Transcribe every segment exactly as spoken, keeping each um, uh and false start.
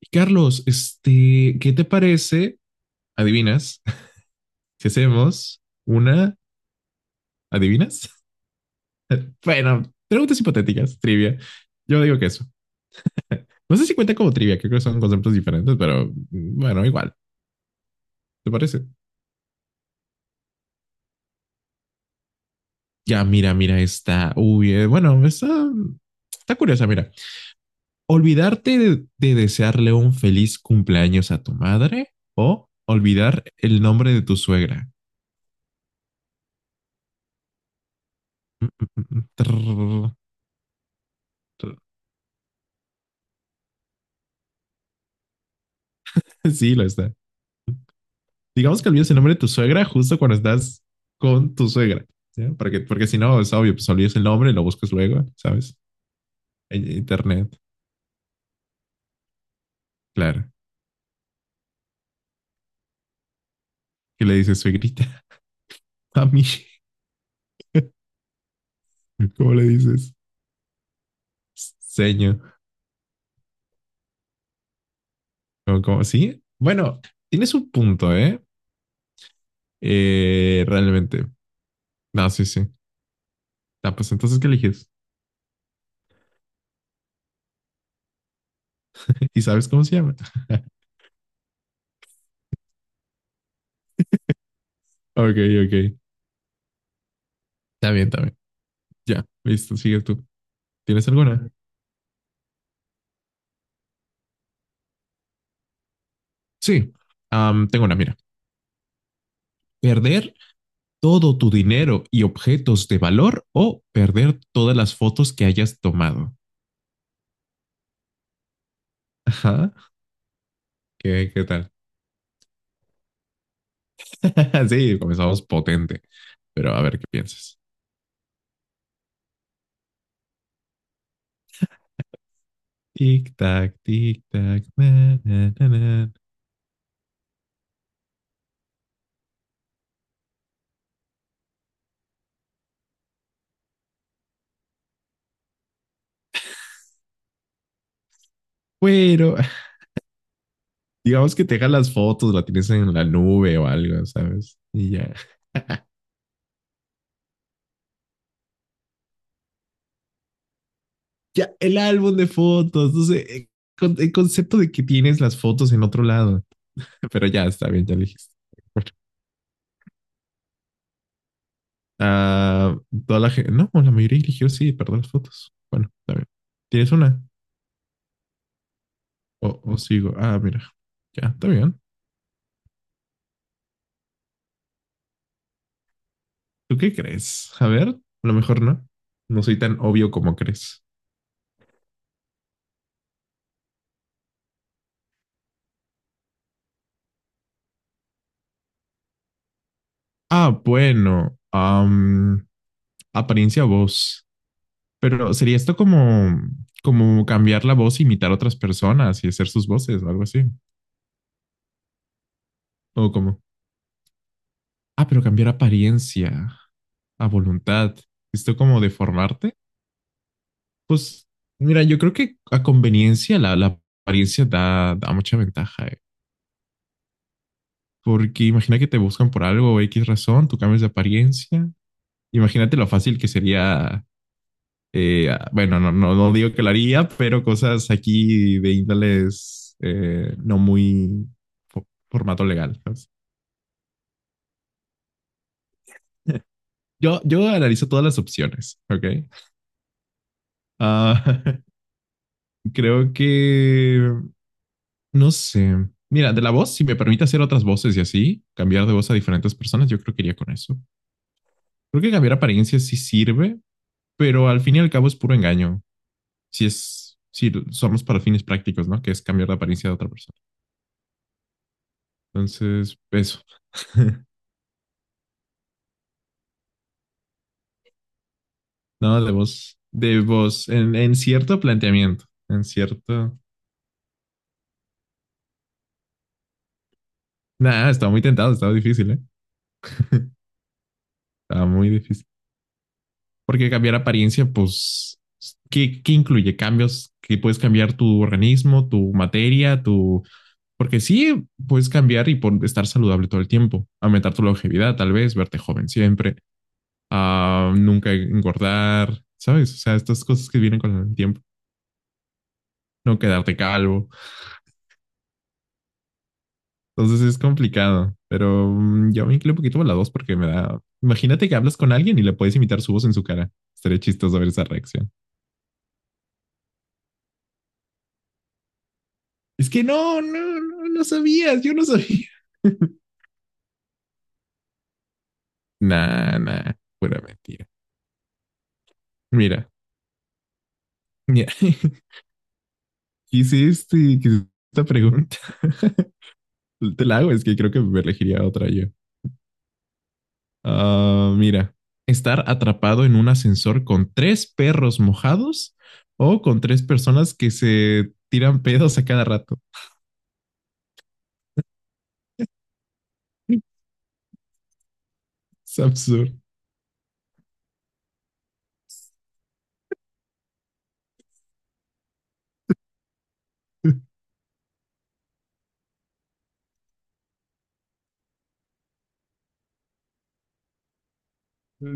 Y Carlos, este, ¿qué te parece? ¿Adivinas? Si hacemos una, ¿adivinas? Bueno, preguntas hipotéticas, trivia. Yo digo que eso. No sé si cuenta como trivia, creo que son conceptos diferentes, pero mm, bueno, igual, ¿te parece? Ya, mira, mira esta. Uy, eh, bueno, está, está curiosa, mira. Olvidarte de, de desearle un feliz cumpleaños a tu madre o olvidar el nombre de tu suegra. Mm, mm, mm, trrr, trrr. Sí, lo está. Digamos que olvides el nombre de tu suegra justo cuando estás con tu suegra, ¿sí? Porque, porque si no, es obvio, pues olvides el nombre, y lo buscas luego, ¿sabes? En internet, claro. ¿Qué le dices, suegrita? A mí. ¿Cómo le dices? Seño. ¿Cómo, cómo? ¿Sí? Bueno, tienes un punto, ¿eh? Eh, realmente. No, sí, sí. Ah, pues entonces, ¿qué eliges? ¿Y sabes cómo se llama? Ok, ok. Está bien, está bien. Ya, listo, sigue tú. ¿Tienes alguna? Sí. Am, tengo una, mira. Perder todo tu dinero y objetos de valor o perder todas las fotos que hayas tomado. Ajá. ¿Qué, qué tal? Sí, comenzamos potente. Pero a ver qué piensas. Tic tac, tic tac, na, na, na, na. Bueno, digamos que te dejan las fotos, la tienes en la nube o algo, ¿sabes? Y ya. Ya, el álbum de fotos. No sé, el concepto de que tienes las fotos en otro lado. Pero ya está bien, ya lo dijiste. Ah, toda la gente, no, la mayoría eligió sí, perder las fotos. Bueno, está bien. ¿Tienes una? O, o sigo. Ah, mira. Ya, está bien. ¿Tú qué crees? A ver, a lo mejor no. No soy tan obvio como crees. Ah, bueno. Am, apariencia voz. Pero sería esto como, como cambiar la voz, e imitar a otras personas y hacer sus voces o algo así. O como, ah, pero cambiar apariencia a voluntad. ¿Esto como deformarte? Pues mira, yo creo que a conveniencia la, la apariencia da, da mucha ventaja, eh. Porque imagina que te buscan por algo o X razón, tú cambias de apariencia. Imagínate lo fácil que sería, eh, ah, bueno, no, no, no digo que lo haría, pero cosas aquí de índoles eh, no muy fo- formato legal, ¿sabes? Yo, yo analizo todas las opciones, ¿ok? Ah, creo que no sé. Mira, de la voz, si me permite hacer otras voces y así, cambiar de voz a diferentes personas, yo creo que iría con eso. Creo que cambiar apariencia sí sirve, pero al fin y al cabo es puro engaño. Si es, si somos para fines prácticos, ¿no? Que es cambiar la apariencia de otra persona. Entonces, eso. No, de voz, de voz, en, en cierto planteamiento, en cierto. Nada, estaba muy tentado, estaba difícil, ¿eh? Estaba muy difícil. Porque cambiar apariencia, pues, ¿qué, qué incluye? Cambios que puedes cambiar tu organismo, tu materia, tu... Porque sí, puedes cambiar y por estar saludable todo el tiempo, aumentar tu longevidad, tal vez, verte joven siempre, a nunca engordar, ¿sabes? O sea, estas cosas que vienen con el tiempo, no quedarte calvo. Entonces es complicado, pero mm, yo me incluyo un poquito a la dos porque me da... Imagínate que hablas con alguien y le puedes imitar su voz en su cara. Estaría chistoso ver esa reacción. Es que no, no, no, no sabías, yo no sabía. Nah, nah, pura mentira. Mira, mira, hice este, quise esta pregunta. Te la hago, es que creo que me elegiría otra yo. Ah, mira, estar atrapado en un ascensor con tres perros mojados o con tres personas que se tiran pedos a cada rato. Es absurdo.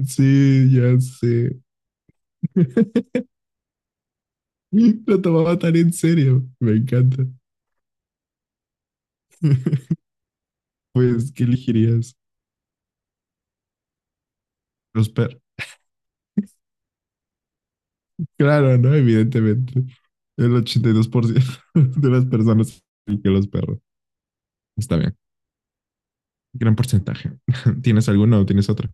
Sí, ya sé. Lo tomaba tan en serio. Me encanta. Pues, ¿qué elegirías? Los perros. Claro, ¿no? Evidentemente. El ochenta y dos por ciento de las personas que los perros. Está bien. Gran porcentaje. ¿Tienes alguno o tienes otro?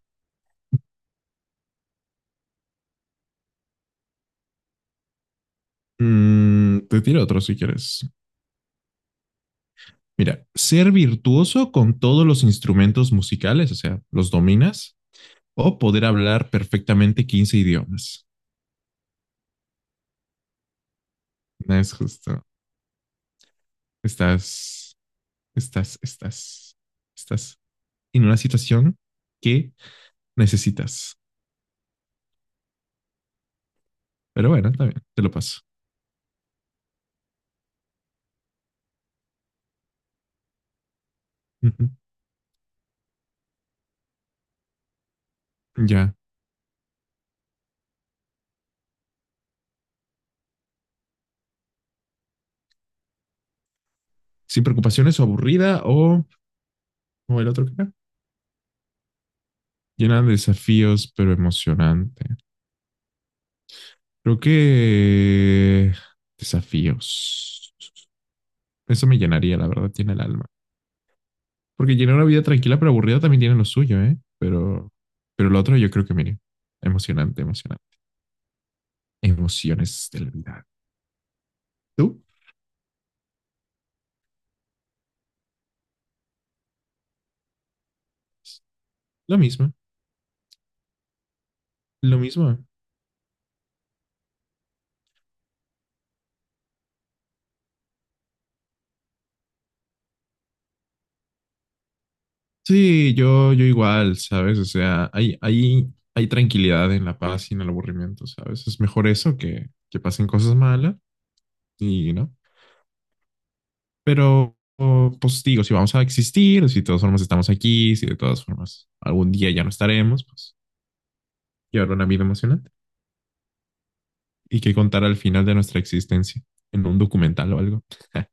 Mm, te tiro otro si quieres. Mira, ser virtuoso con todos los instrumentos musicales, o sea, los dominas, o poder hablar perfectamente quince idiomas. No es justo. Estás, estás, estás, estás en una situación que necesitas. Pero bueno, está bien, te lo paso. Ujú. Ya, sin preocupaciones o aburrida o, o el otro que era. Llena de desafíos, pero emocionante. Creo que desafíos. Eso me llenaría, la verdad, tiene el alma. Porque llenar una vida tranquila pero aburrida también tiene lo suyo, ¿eh? Pero, pero lo otro yo creo que, mire, emocionante, emocionante. Emociones de la vida. ¿Tú? Lo mismo, lo mismo. Sí, yo, yo igual, ¿sabes? O sea, hay, hay, hay tranquilidad en la paz y en el aburrimiento, ¿sabes? Es mejor eso que que pasen cosas malas y, ¿no? Pero, o, pues digo, si vamos a existir, si de todas formas estamos aquí, si de todas formas algún día ya no estaremos, pues y habrá una vida emocionante y que contar al final de nuestra existencia en un documental o algo.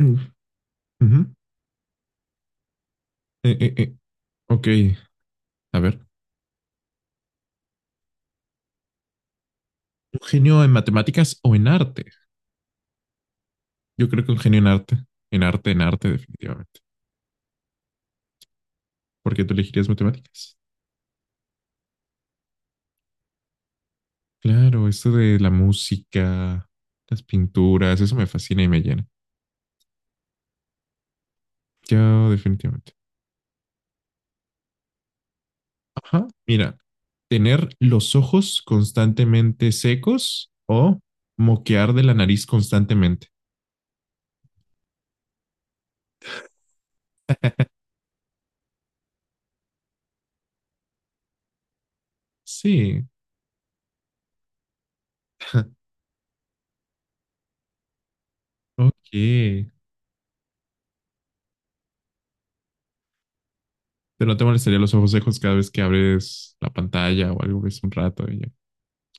Mm. Ujú. Eh, eh, eh, Ok, a ver. ¿Un genio en matemáticas o en arte? Yo creo que un genio en arte, en arte, en arte, definitivamente. ¿Por qué tú elegirías matemáticas? Claro, esto de la música, las pinturas, eso me fascina y me llena. Yo definitivamente. Ajá. Mira, tener los ojos constantemente secos o moquear de la nariz constantemente. Sí. Ok. Pero no te molestaría los ojos secos cada vez que abres la pantalla o algo, ves un rato y ya.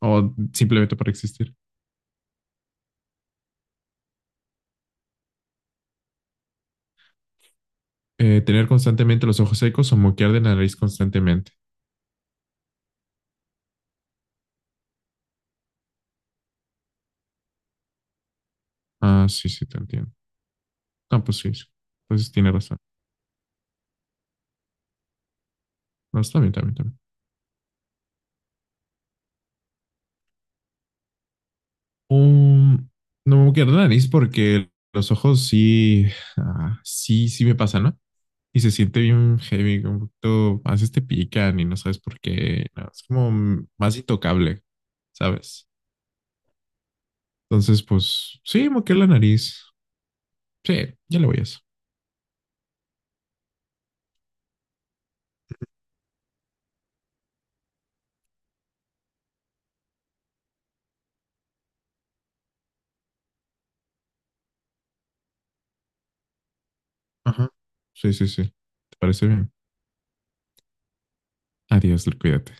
O simplemente para existir. Eh, tener constantemente los ojos secos o moquear de la nariz constantemente. Ah, sí, sí, te entiendo. Ah, pues sí, sí. Entonces tiene razón. No, está bien, está bien, está bien. Um, no me quiero la nariz porque los ojos sí, ah, sí, sí me pasan, ¿no? Y se siente bien heavy, como un poquito, a veces te pican y no sabes por qué. No, es como más intocable, ¿sabes? Entonces, pues sí, moqué la nariz. Sí, ya le voy a eso. Ajá. Sí, sí, sí. ¿Te parece bien? Adiós, cuídate.